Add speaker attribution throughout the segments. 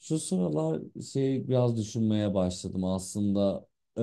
Speaker 1: Şu sıralar şey biraz düşünmeye başladım aslında e,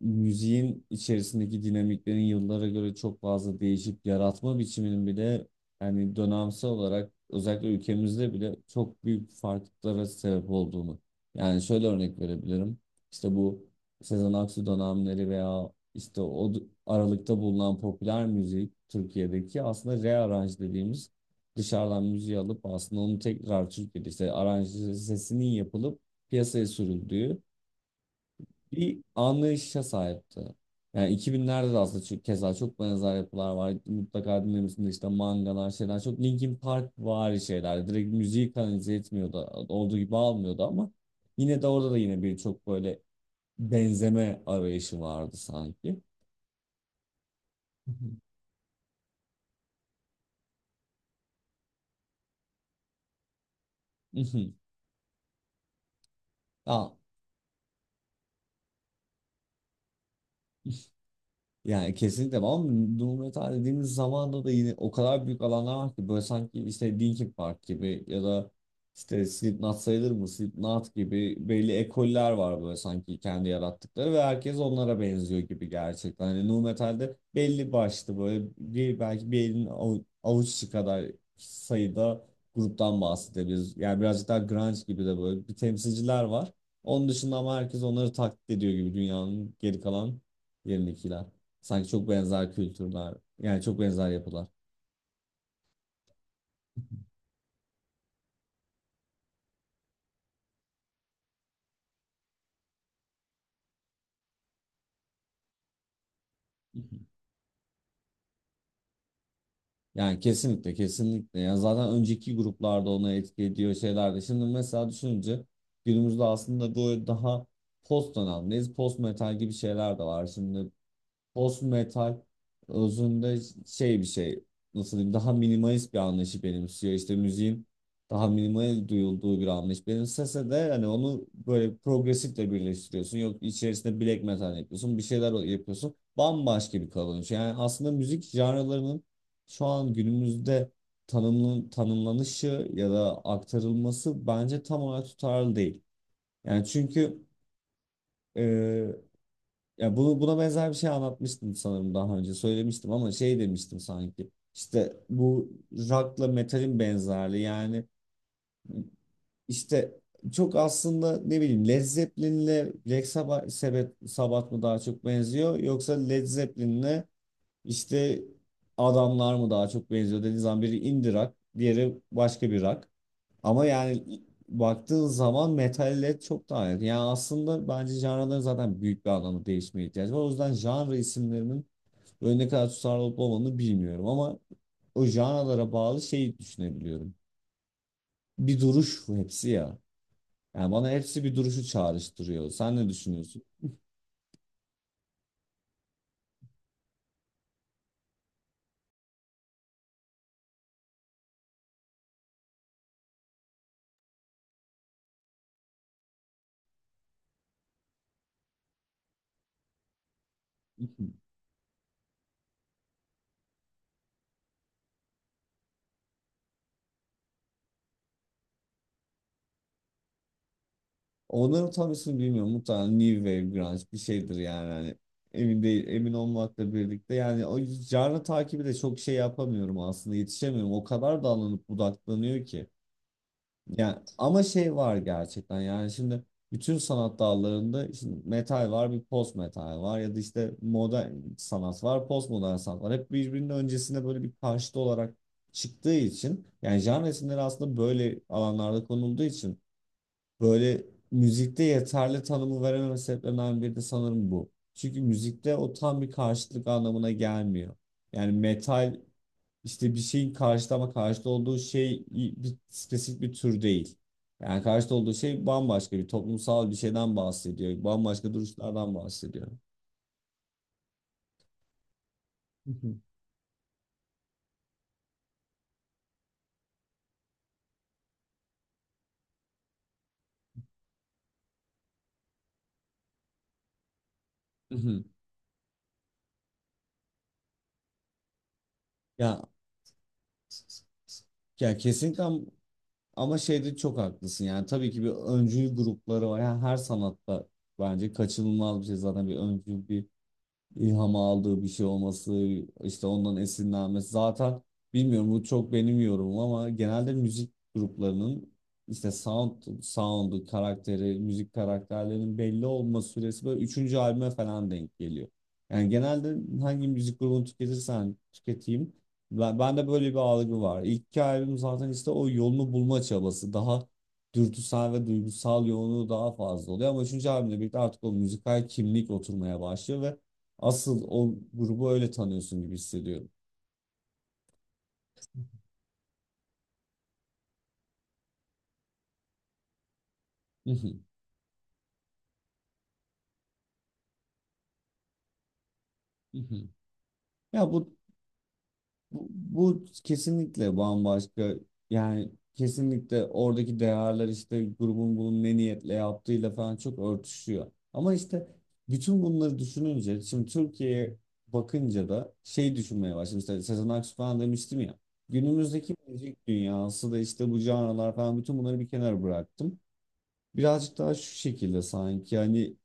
Speaker 1: müziğin içerisindeki dinamiklerin yıllara göre çok fazla değişip yaratma biçiminin bile yani dönemsel olarak özellikle ülkemizde bile çok büyük farklılıklara sebep olduğunu. Yani şöyle örnek verebilirim. İşte bu Sezen Aksu dönemleri veya işte aralıkta bulunan popüler müzik Türkiye'deki aslında rearrange dediğimiz dışarıdan müziği alıp aslında onu tekrar Türkiye'de işte aranjesinin yapılıp piyasaya sürüldüğü bir anlayışa sahipti. Yani 2000'lerde de aslında çok, keza çok benzer yapılar var. Mutlaka dinlemişsindir işte mangalar şeyler. Çok Linkin Park vari şeyler. Direkt müziği kanalize etmiyordu. Olduğu gibi almıyordu ama yine de orada da yine bir çok böyle benzeme arayışı vardı sanki. Ya Yani kesinlikle var ama nu metal dediğimiz zamanda da yine o kadar büyük alanlar var ki böyle sanki işte Linkin Park gibi ya da işte Slipknot sayılır mı? Slipknot gibi belli ekoller var böyle sanki kendi yarattıkları ve herkes onlara benziyor gibi gerçekten. Hani nu metalde belli başlı böyle bir, belki bir elin avuççu kadar sayıda gruptan bahsedebiliriz. Yani birazcık daha grunge gibi de böyle bir temsilciler var. Onun dışında ama herkes onları taklit ediyor gibi dünyanın geri kalan yerindekiler. Sanki çok benzer kültürler. Yani çok benzer yapılar. Hı hı. Yani kesinlikle kesinlikle. Yani zaten önceki gruplarda ona etki ediyor şeyler de. Şimdi mesela düşününce günümüzde aslında böyle daha post dönemdeyiz. Post metal gibi şeyler de var. Şimdi post metal özünde şey bir şey nasıl diyeyim daha minimalist bir anlayışı benimsiyor. İşte müziğin daha minimal duyulduğu bir anlayış benimsese de hani onu böyle progresifle birleştiriyorsun. Yok içerisinde black metal yapıyorsun bir şeyler yapıyorsun. Bambaşka bir kalınış. Yani aslında müzik janralarının şu an günümüzde tanımlanışı ya da aktarılması bence tam olarak tutarlı değil. Yani çünkü ya bu buna benzer bir şey anlatmıştım sanırım daha önce söylemiştim ama şey demiştim sanki işte bu rock'la metalin benzerliği yani işte çok aslında ne bileyim Led Zeppelin'le Black Sabbath mı daha çok benziyor yoksa Led Zeppelin'le işte adamlar mı daha çok benziyor dediğin zaman biri indie rock diğeri başka bir rock. Ama yani baktığın zaman metal led çok daha yakın. Yani aslında bence janraların zaten büyük bir anlamda değişmeye ihtiyacı var. O yüzden janra isimlerinin böyle ne kadar tutarlı olup olmadığını bilmiyorum ama o janralara bağlı şeyi düşünebiliyorum. Bir duruş bu hepsi ya. Yani bana hepsi bir duruşu çağrıştırıyor. Sen ne düşünüyorsun? Onların tam ismini bilmiyorum. Muhtemelen New Wave Grunge bir şeydir yani. Hani emin değil, emin olmakla birlikte. Yani o canlı takibi de çok şey yapamıyorum aslında. Yetişemiyorum. O kadar dallanıp budaklanıyor ki. Yani ama şey var gerçekten. Yani şimdi bütün sanat dallarında şimdi metal var, bir post metal var ya da işte modern sanat var, post modern sanat var. Hep birbirinin öncesine böyle bir karşıt olarak çıktığı için yani genre isimleri aslında böyle alanlarda konulduğu için böyle müzikte yeterli tanımı verememe sebeplerinden biri de sanırım bu. Çünkü müzikte o tam bir karşıtlık anlamına gelmiyor. Yani metal işte bir şeyin karşıtı ama karşıtı olduğu şey bir spesifik bir tür değil. Yani karşıtı olduğu şey bambaşka bir toplumsal bir şeyden bahsediyor. Bambaşka duruşlardan bahsediyor. Hı hı. Hı hı. Ya, ya, kesinlikle ama şeyde çok haklısın. Yani tabii ki bir öncül grupları var. Yani her sanatta bence kaçınılmaz bir şey zaten bir öncül bir ilham aldığı bir şey olması, işte ondan esinlenmesi. Zaten bilmiyorum bu çok benim yorumum ama genelde müzik gruplarının işte sound'u, karakteri, müzik karakterlerinin belli olma süresi böyle üçüncü albüme falan denk geliyor. Yani genelde hangi müzik grubunu tüketirsen tüketeyim. Bende böyle bir algı var. İlk iki albüm zaten işte o yolunu bulma çabası. Daha dürtüsel ve duygusal yoğunluğu daha fazla oluyor. Ama üçüncü albümle birlikte artık o müzikal kimlik oturmaya başlıyor ve asıl o grubu öyle tanıyorsun gibi hissediyorum. Hı hı, hı hı. Ya bu kesinlikle bambaşka yani kesinlikle oradaki değerler işte grubun bunu ne niyetle yaptığıyla falan çok örtüşüyor. Ama işte bütün bunları düşününce şimdi Türkiye'ye bakınca da şey düşünmeye başladım. İşte Sezen Aksu falan demiştim ya. Günümüzdeki müzik dünyası da işte bu canlılar falan bütün bunları bir kenara bıraktım. Birazcık daha şu şekilde sanki hani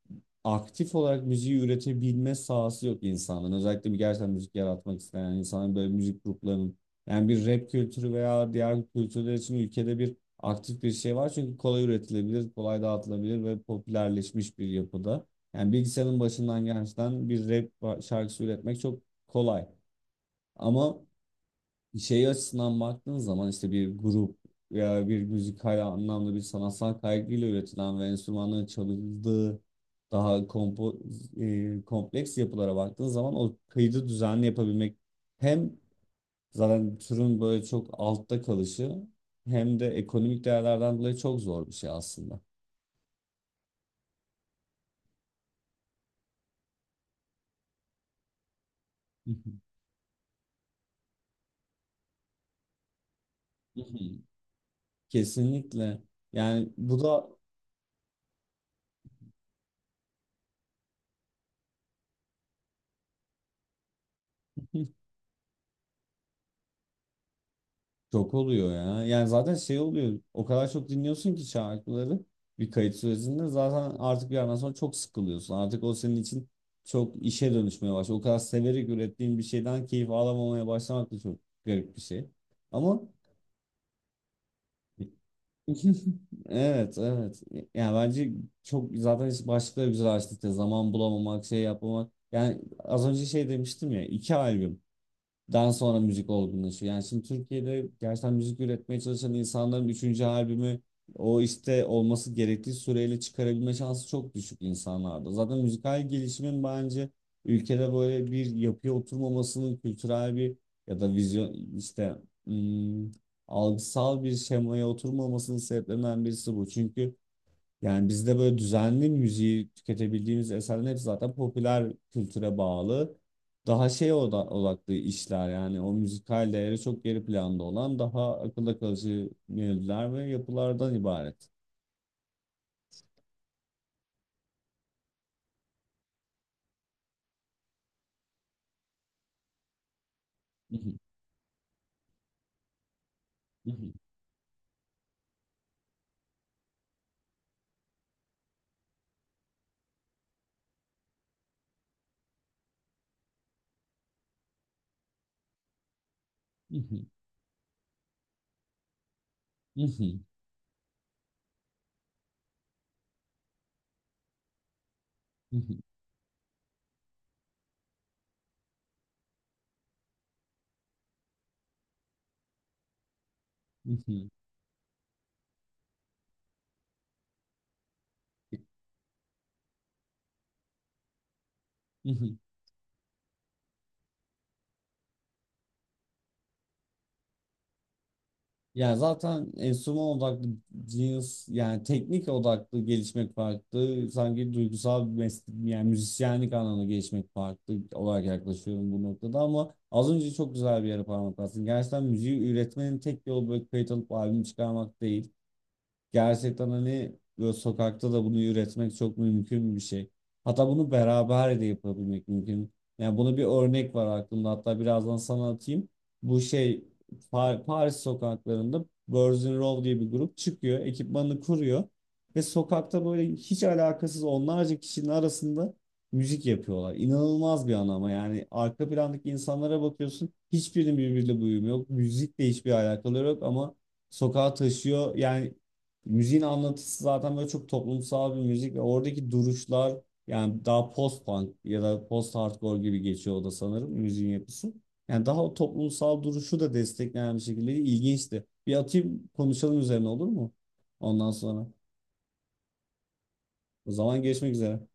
Speaker 1: aktif olarak müziği üretebilme sahası yok insanların. Özellikle bir gerçekten müzik yaratmak isteyen insanların böyle müzik gruplarının yani bir rap kültürü veya diğer kültürler için ülkede bir aktif bir şey var. Çünkü kolay üretilebilir, kolay dağıtılabilir ve popülerleşmiş bir yapıda. Yani bilgisayarın başından gerçekten bir rap şarkısı üretmek çok kolay. Ama şey açısından baktığın zaman işte bir grup veya bir müzikal anlamda bir sanatsal kaygıyla üretilen ve enstrümanların çalındığı daha kompleks yapılara baktığın zaman o kaydı düzenli yapabilmek hem zaten türün böyle çok altta kalışı hem de ekonomik değerlerden dolayı çok zor bir şey aslında. Kesinlikle. Yani bu da çok oluyor ya. Yani zaten şey oluyor. O kadar çok dinliyorsun ki şarkıları bir kayıt sürecinde zaten artık bir yerden sonra çok sıkılıyorsun. Artık o senin için çok işe dönüşmeye başlıyor. O kadar severek ürettiğin bir şeyden keyif alamamaya başlamak da çok garip bir şey. Ama evet evet. Yani bence çok zaten işte başlıkları güzel açtık ya. Zaman bulamamak, şey yapmamak. Yani az önce şey demiştim ya. İki albüm dan sonra müzik olgunlaşıyor. Yani şimdi Türkiye'de gerçekten müzik üretmeye çalışan insanların üçüncü albümü o işte olması gerektiği süreyle çıkarabilme şansı çok düşük insanlarda. Zaten müzikal gelişimin bence ülkede böyle bir yapıya oturmamasının kültürel bir ya da vizyon işte ım, algısal bir şemaya oturmamasının sebeplerinden birisi bu. Çünkü yani bizde böyle düzenli müziği tüketebildiğimiz eserlerin hepsi zaten popüler kültüre bağlı. Daha şey odaklı işler yani o müzikal değeri çok geri planda olan daha akılda kalıcı melodiler ve yapılardan ibaret. Yani zaten enstrüman odaklı cins yani teknik odaklı gelişmek farklı. Sanki duygusal bir meslek yani müzisyenlik anlamında gelişmek farklı olarak yaklaşıyorum bu noktada ama az önce çok güzel bir yere parmak bastın. Gerçekten müziği üretmenin tek yolu böyle kayıt alıp albüm çıkarmak değil. Gerçekten hani böyle sokakta da bunu üretmek çok mümkün bir şey. Hatta bunu beraber de yapabilmek mümkün. Yani buna bir örnek var aklımda. Hatta birazdan sana atayım. Bu şey Paris sokaklarında Birds in Row diye bir grup çıkıyor. Ekipmanını kuruyor. Ve sokakta böyle hiç alakasız onlarca kişinin arasında müzik yapıyorlar. İnanılmaz bir an ama yani arka plandaki insanlara bakıyorsun. Hiçbirinin birbiriyle bir uyumu yok. Müzikle hiçbir alakaları yok ama sokağa taşıyor. Yani müziğin anlatısı zaten böyle çok toplumsal bir müzik ve oradaki duruşlar yani daha post punk ya da post hardcore gibi geçiyor o da sanırım müziğin yapısı. Yani daha o toplumsal duruşu da destekleyen bir şekilde ilginçti. Bir atayım konuşalım üzerine olur mu? Ondan sonra. O zaman görüşmek üzere.